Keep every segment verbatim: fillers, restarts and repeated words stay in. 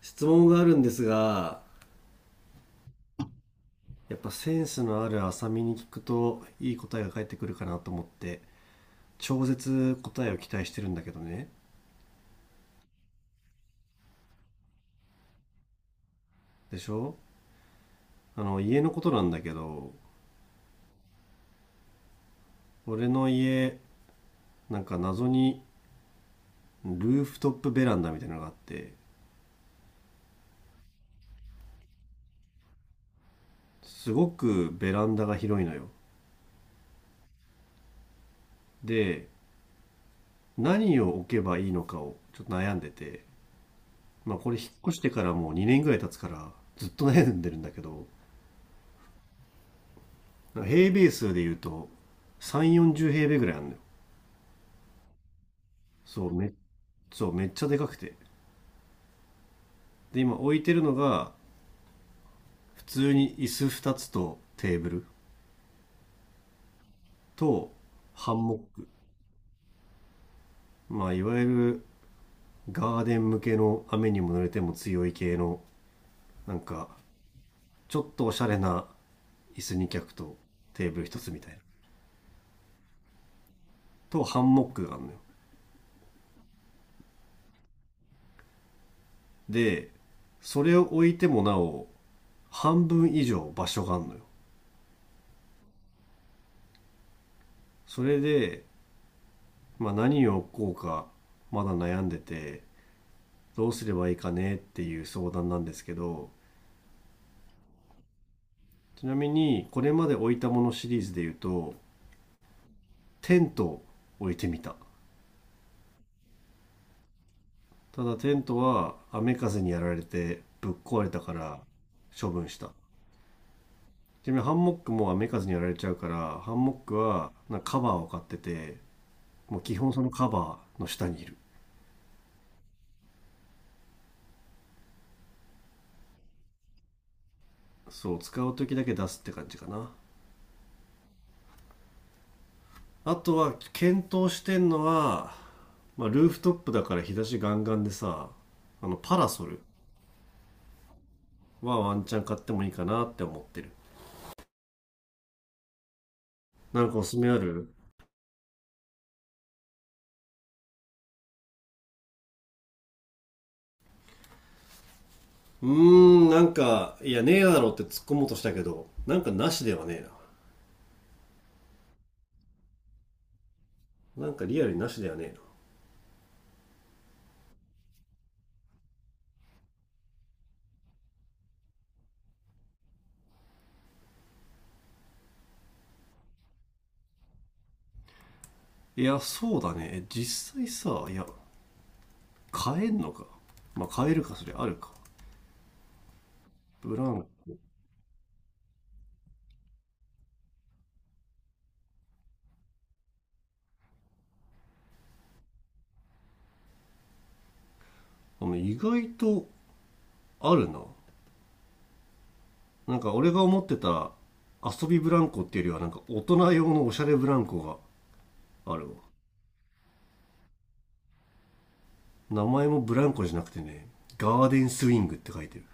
質問があるんですが、やっぱセンスのある浅見に聞くといい答えが返ってくるかなと思って、超絶答えを期待してるんだけどね。でしょ。あの家のことなんだけど、俺の家、なんか謎にルーフトップベランダみたいなのがあって、すごくベランダが広いのよ。で、何を置けばいいのかをちょっと悩んでて、まあこれ引っ越してからもうにねんぐらい経つから、ずっと悩んでるんだけど、平米数で言うとさん、よんじゅう平米ぐらいあるのよ。そう、め、そう、めっちゃでかくて。で、今置いてるのが、普通に椅子ふたつとテーブルとハンモック。まあ、いわゆるガーデン向けの雨にも濡れても強い系の、なんか、ちょっとおしゃれな椅子に脚とテーブルひとつみたいな。とハンモックがあるのよ。で、それを置いてもなお、半分以上場所があるのよ。それで、まあ、何をこうか、まだ悩んでて、どうすればいいかねっていう相談なんですけど、ちなみにこれまで置いたものシリーズで言うと、テントを置いてみた。ただテントは雨風にやられてぶっ壊れたから処分した。ちなみにハンモックも雨風にやられちゃうから、ハンモックはなんかカバーを買ってて、もう基本そのカバーの下にいる。そう、使う時だけ出すって感じかな。あとは検討してんのは、まあ、ルーフトップだから日差しガンガンでさ、あのパラソルはワンチャン買ってもいいかなって思ってる。なんかおすすめある？うーん、なんかいやねえだろって突っ込もうとしたけど、なんかなしではねえ。ななんかリアルになしではねえ。な、いや、そうだねえ、実際さ、いや、買えんのか？まあ買えるか、それあるか。ブランコ、あの、意外とあるな。なんか俺が思ってた遊びブランコっていうよりは、なんか大人用のおしゃれブランコがあるわ。名前もブランコじゃなくてね、ガーデンスイングって書いてる。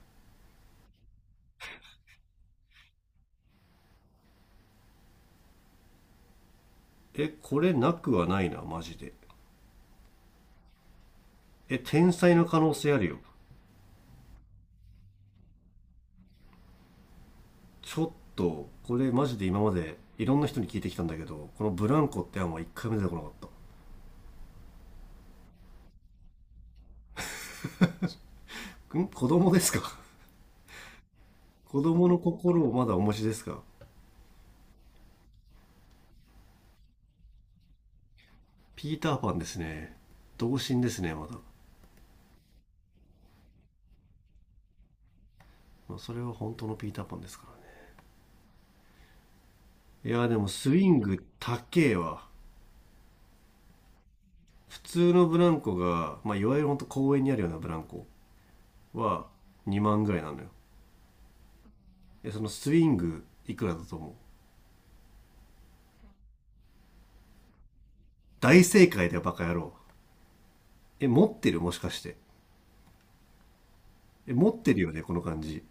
え、これなくはないなマジで。え、天才の可能性あるよ。ちょっとこれマジで今までいろんな人に聞いてきたんだけど、このブランコって案は一回も出てこなかったん、子供ですか？ 子供の心をまだお持ちですか？ピーターパンですね、童心ですねまだ。まあそれは本当のピーターパンですからね。いやー、でもスイング高えわ。普通のブランコが、まあ、いわゆるほんと公園にあるようなブランコはにまんぐらいなのよ。え、そのスイングいくらだと思う？大正解だよ、バカ野郎。え、持ってるもしかして？え、持ってるよねこの感じ。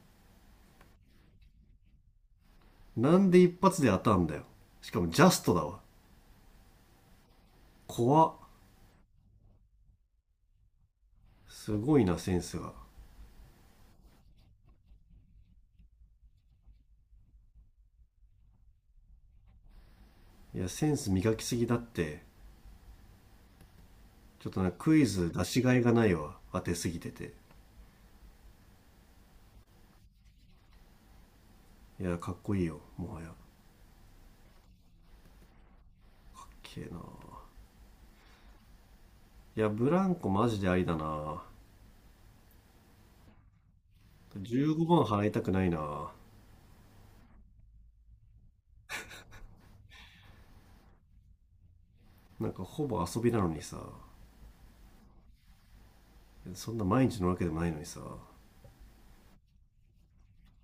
なんで一発で当たんだよ。しかもジャストだわ。怖っ。すごいな、センスが。いや、センス磨きすぎだって。ちょっとね、クイズ出しがいがないわ、当てすぎてて。いや、かっこいいよもはや。けえな。いや、ブランコマジでありだな。じゅうごまん払いたくないな。なんかほぼ遊びなのにさ。そんな毎日のわけでもないのにさ。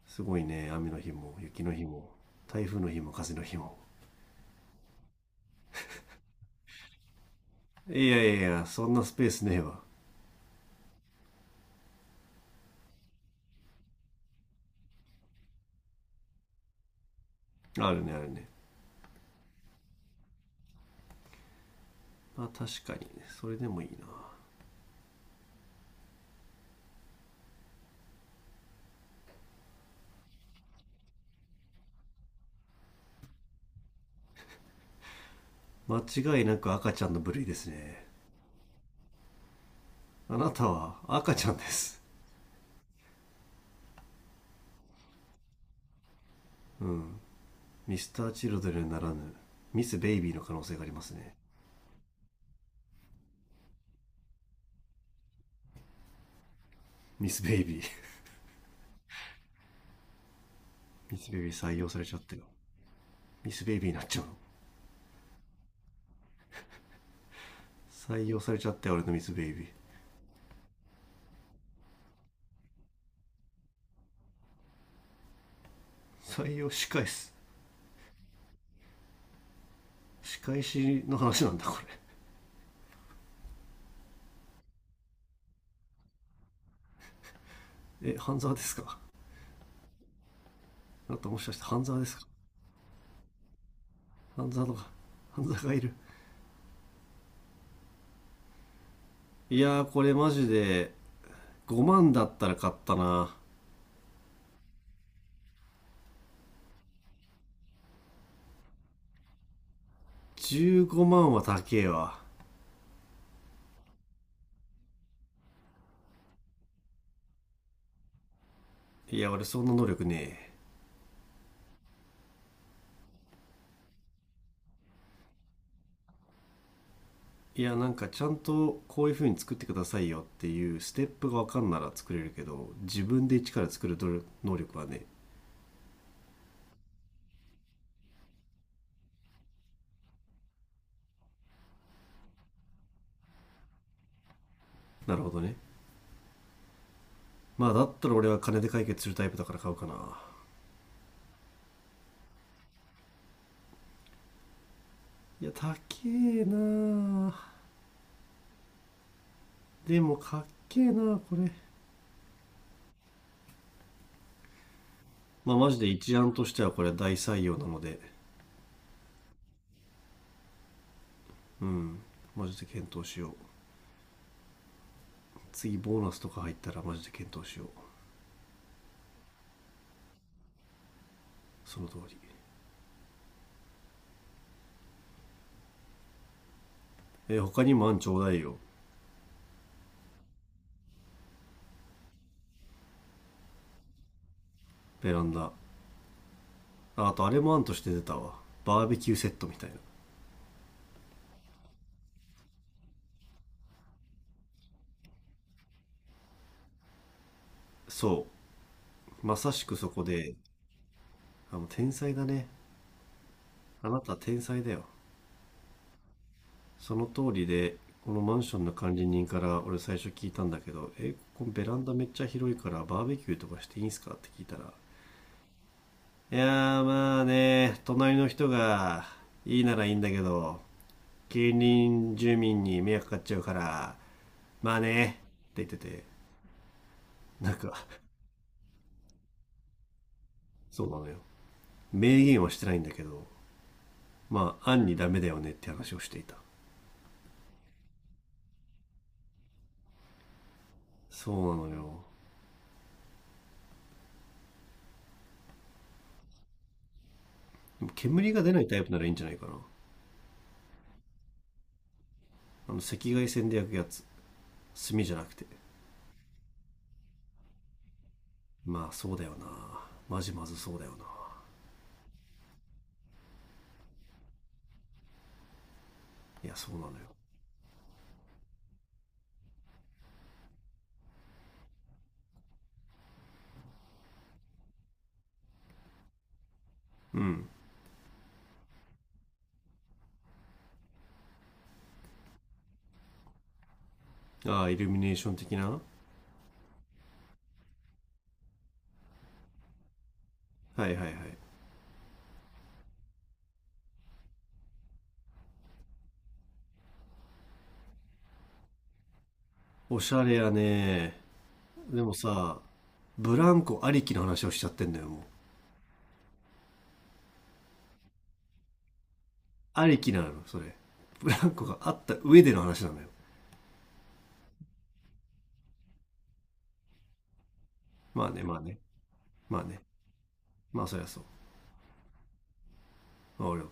すごいね、雨の日も、雪の日も、台風の日も、風の日も。いやいやいや、そんなスペースねえわ。あるね、あるね。まあ確かにね、それでもいいな。間違いなく赤ちゃんの部類ですね。あなたは赤ちゃんです。ミスターチルドレンならぬ、ミスベイビーの可能性がありますね。ミスベイビー。ミスベイビー採用されちゃったよ。ミスベイビーになっちゃうの。採用されちゃって俺のミスベイビー。採用仕返す。仕返しの話なんだこれ、え、半沢ですか？あなたもしかして半沢ですか？半沢とか、半沢がいる。いやー、これマジでごまんだったら買ったな。じゅうごまんは高えわ。いや、俺そんな能力ねえ。いや、なんかちゃんとこういう風に作ってくださいよっていうステップが分かんなら作れるけど、自分で一から作る能力はね。なるほどね。まあだったら俺は金で解決するタイプだから買うかな。いや、高えなあ。でも、かっけえなあこれ。まあ、マジで一案としてはこれは大採用なので、マジで検討しよう。次、ボーナスとか入ったらマジで検討しよう。その通り。えー他にも案ちょうだいよ。ベランダ。ああと、あれも案として出たわ。バーベキューセットみたいな。そう。まさしくそこで、あ、もう天才だね。あなた天才だよ。その通りで、このマンションの管理人から俺最初聞いたんだけど、え、ここベランダめっちゃ広いからバーベキューとかしていいんすかって聞いたら、いやーまあね、隣の人がいいならいいんだけど、近隣住民に迷惑かかっちゃうから、まあね、って言ってて、なんか、そうなのよ。明言はしてないんだけど、まあ、案にダメだよねって話をしていた。そうなのよ。煙が出ないタイプならいいんじゃないかな。あの、赤外線で焼くやつ。炭じゃなくて。まあそうだよな、マジまずそうだよな。いや、そうなのよ。うん、ああ、イルミネーション的なは、いはいはい。おしゃれやね。でもさ、ブランコありきの話をしちゃってんだよもう。ありきなのそれ？ブランコがあった上での話なのよ。まあね、まあね。まあね、まあそりゃそう。まあ俺は、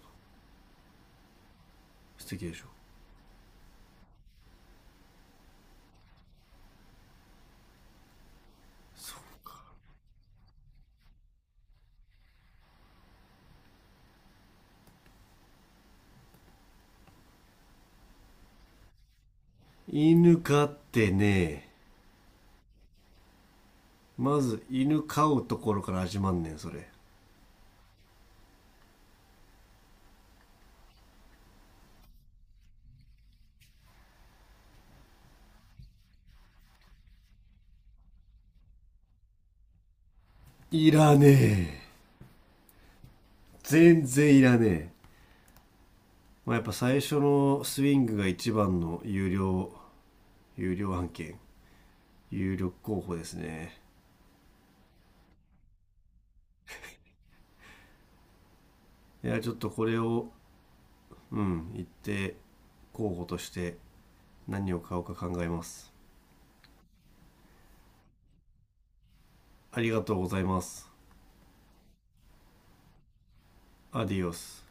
素敵でしょ？そう。犬飼ってね、まず犬飼うところから始まんねんそれ。いらねえ、全然いらねえ。まあ、やっぱ最初のスイングが一番の有料、有料案件、有力候補ですね。いや、ちょっとこれを、うん、一定候補として、何を買おうか考えます。ありがとうございます。アディオス。